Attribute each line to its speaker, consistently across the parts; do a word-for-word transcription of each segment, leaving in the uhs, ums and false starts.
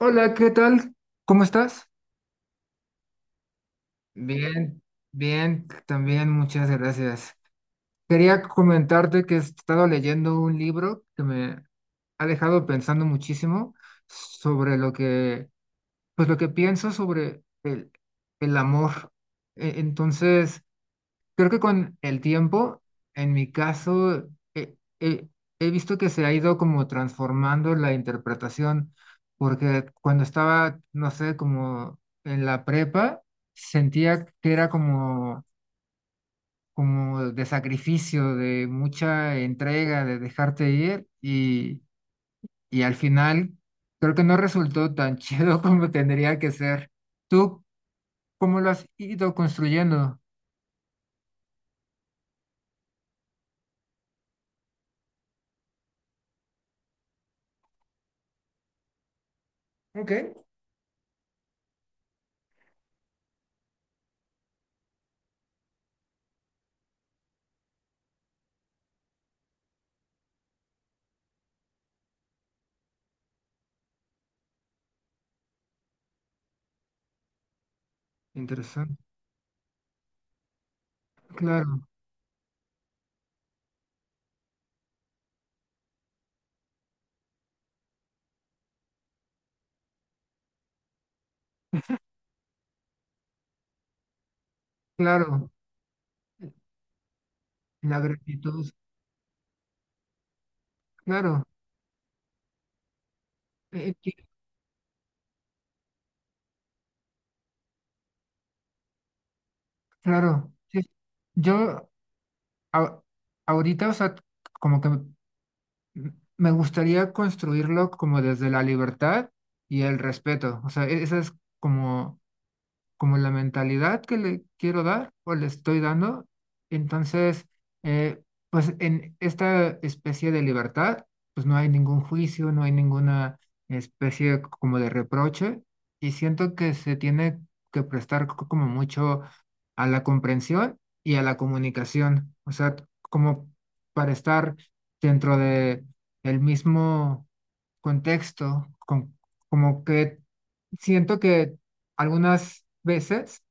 Speaker 1: Hola, ¿qué tal? ¿Cómo estás? Bien, bien, también muchas gracias. Quería comentarte que he estado leyendo un libro que me ha dejado pensando muchísimo sobre lo que, pues lo que pienso sobre el, el amor. E- Entonces, creo que con el tiempo, en mi caso, he, he- he visto que se ha ido como transformando la interpretación, porque cuando estaba, no sé, como en la prepa, sentía que era como, como de sacrificio, de mucha entrega, de dejarte ir, y, y al final creo que no resultó tan chido como tendría que ser. ¿Tú cómo lo has ido construyendo? Ok. Interesante. Claro, claro. La gratitud, claro, eh, que- claro. Sí. Yo a- ahorita, o sea, como que m- me gustaría construirlo como desde la libertad y el respeto. O sea, e- esa es como como la mentalidad que le quiero dar o le estoy dando. Entonces, eh, pues en esta especie de libertad, pues no hay ningún juicio, no hay ninguna especie como de reproche y siento que se tiene que prestar co- como mucho a la comprensión y a la comunicación, o sea, como para estar dentro de el mismo contexto, con- como que siento que algunas veces,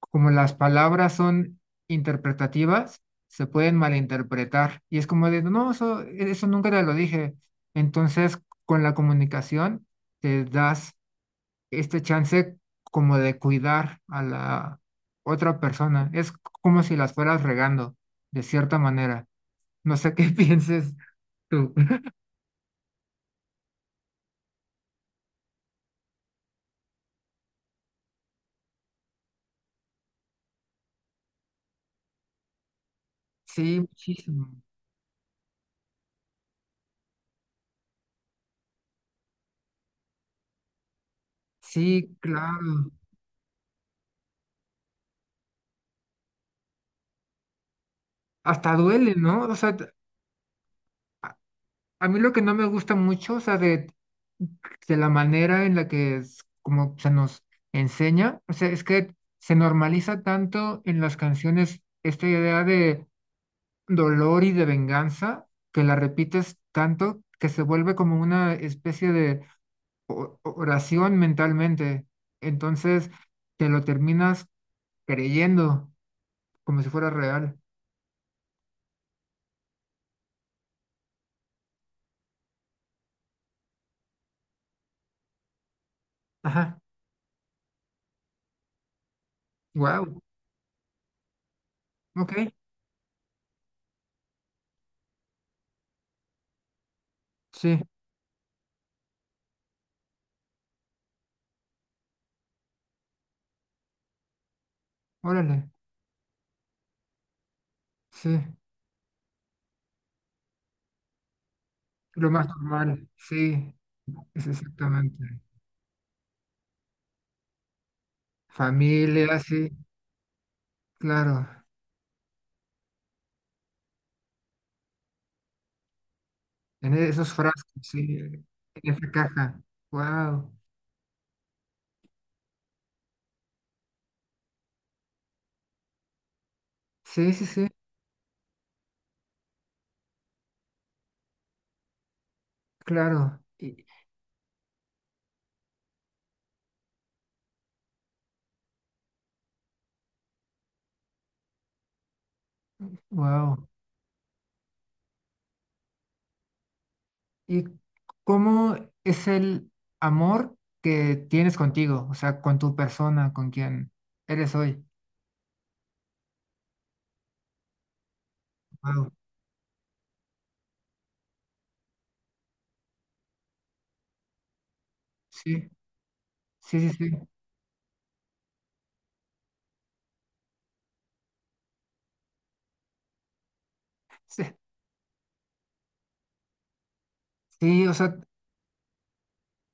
Speaker 1: como las palabras son interpretativas, se pueden malinterpretar y es como de, no, eso, eso nunca te lo dije. Entonces, con la comunicación te das este chance como de cuidar a la otra persona. Es como si las fueras regando, de cierta manera. No sé qué pienses tú. Sí, muchísimo. Sí, claro. Hasta duele, ¿no? O sea, a, a mí lo que no me gusta mucho, o sea, de, de la manera en la que es, como se nos enseña, o sea, es que se normaliza tanto en las canciones esta idea de dolor y de venganza, que la repites tanto que se vuelve como una especie de o- oración mentalmente. Entonces, te lo terminas creyendo como si fuera real. Ajá. Wow. Ok. Sí. Órale. Sí. Lo más normal, sí, es exactamente. Familia, sí, claro. En esos frascos, sí, en esa caja. Wow. Sí, sí, sí, claro. Y, wow. ¿Y cómo es el amor que tienes contigo? O sea, con tu persona, con quien eres hoy. Wow. Sí, sí, sí, sí. Sí, sí, o sea,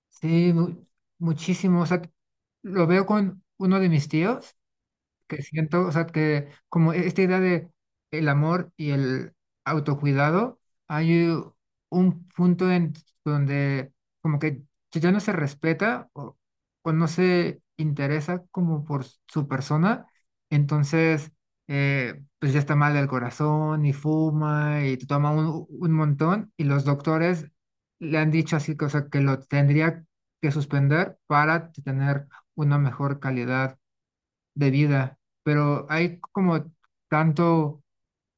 Speaker 1: sí, mu- muchísimo. O sea, lo veo con uno de mis tíos. Que siento, o sea, que como e-, esta idea de el amor y el autocuidado, hay u- un punto en donde como que ya no se respeta o, o no se interesa como por s- su persona, entonces eh, pues ya está mal del corazón y fuma y toma un, un montón y los doctores le han dicho así, que, o sea, que lo tendría que suspender para tener una mejor calidad de vida, pero hay como tanto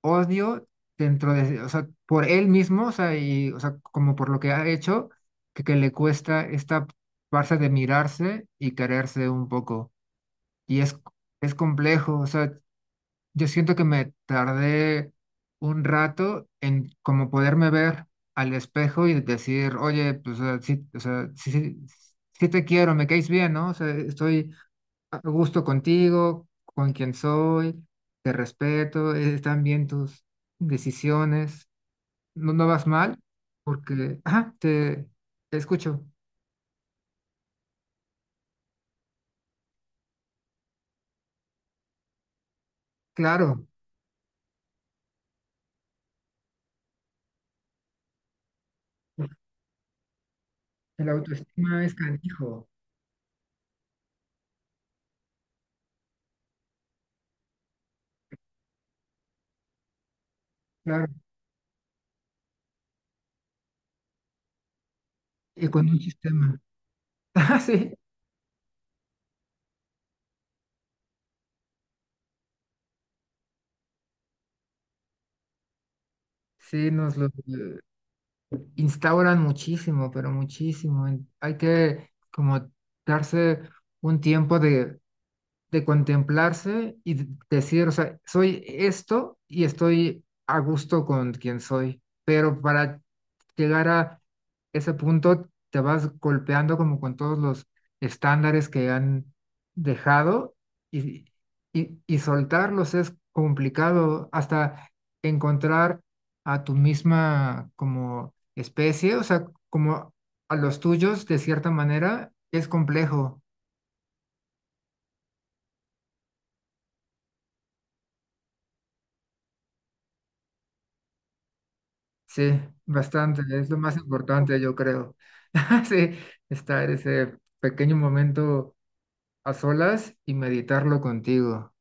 Speaker 1: odio dentro de, o sea, por él mismo, o sea, y, o sea, como por lo que ha hecho, que, que le cuesta esta parte de mirarse y quererse un poco. Y es, es complejo, o sea, yo siento que me tardé un rato en como poderme ver al espejo y decir, oye, pues, o sea, sí, o sea, sí, sí, sí te quiero, me caes bien, ¿no? O sea, estoy a gusto contigo, con quien soy, te respeto, eh, están bien tus decisiones, no, no vas mal, porque, ajá, te, te escucho. Claro, el autoestima es canijo, claro, y con un sistema. Ah, sí, sí, nos lo eh, instauran muchísimo, pero muchísimo. en- Hay que como darse un tiempo de de contemplarse y de- decir, o sea, soy esto y estoy a gusto con quien soy, pero para llegar a ese punto te vas golpeando como con todos los estándares que han dejado y, y, y soltarlos es complicado hasta encontrar a tu misma como especie, o sea, como a los tuyos de cierta manera es complejo. Sí, bastante, es lo más importante, yo creo. Sí, estar ese pequeño momento a solas y meditarlo contigo.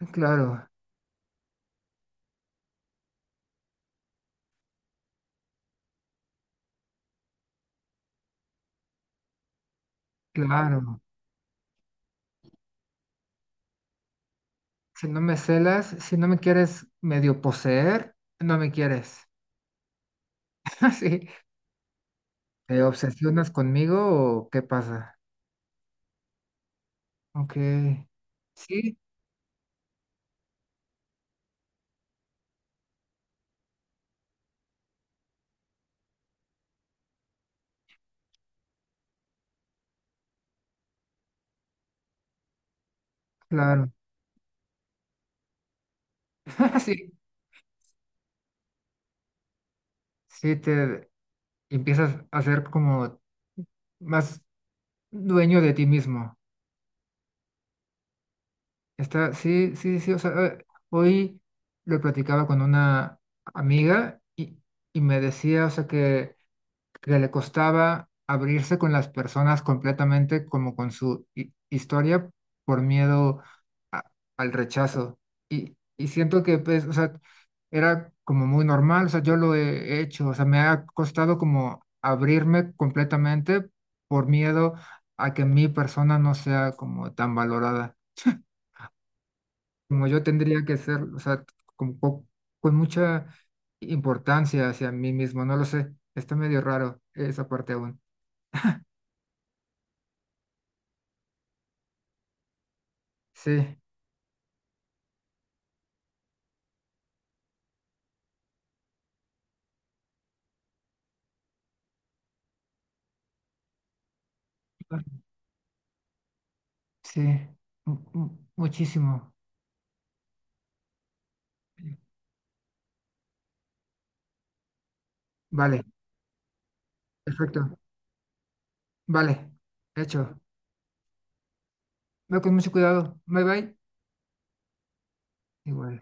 Speaker 1: Ah, claro, claro. Si no me celas, si no me quieres medio poseer, no me quieres. Sí, ¿te obsesionas conmigo o qué pasa? Ok, sí, claro. Sí, sí, te empiezas a ser como más dueño de ti mismo. Está, sí, sí, sí, o sea, eh, hoy lo platicaba con una amiga y, y me decía, o sea, que, que le costaba abrirse con las personas completamente como con su hi- historia por miedo a- al rechazo. Y, y siento que, pues, o sea, era como muy normal, o sea, yo lo he hecho, o sea, me ha costado como abrirme completamente por miedo a que mi persona no sea como tan valorada como yo tendría que ser, o sea, con, po- con mucha importancia hacia mí mismo, no lo sé, está medio raro esa parte aún. Sí, sí, mu- mu- muchísimo. Vale, perfecto, vale, hecho. Ve con mucho cuidado, bye bye. Igual.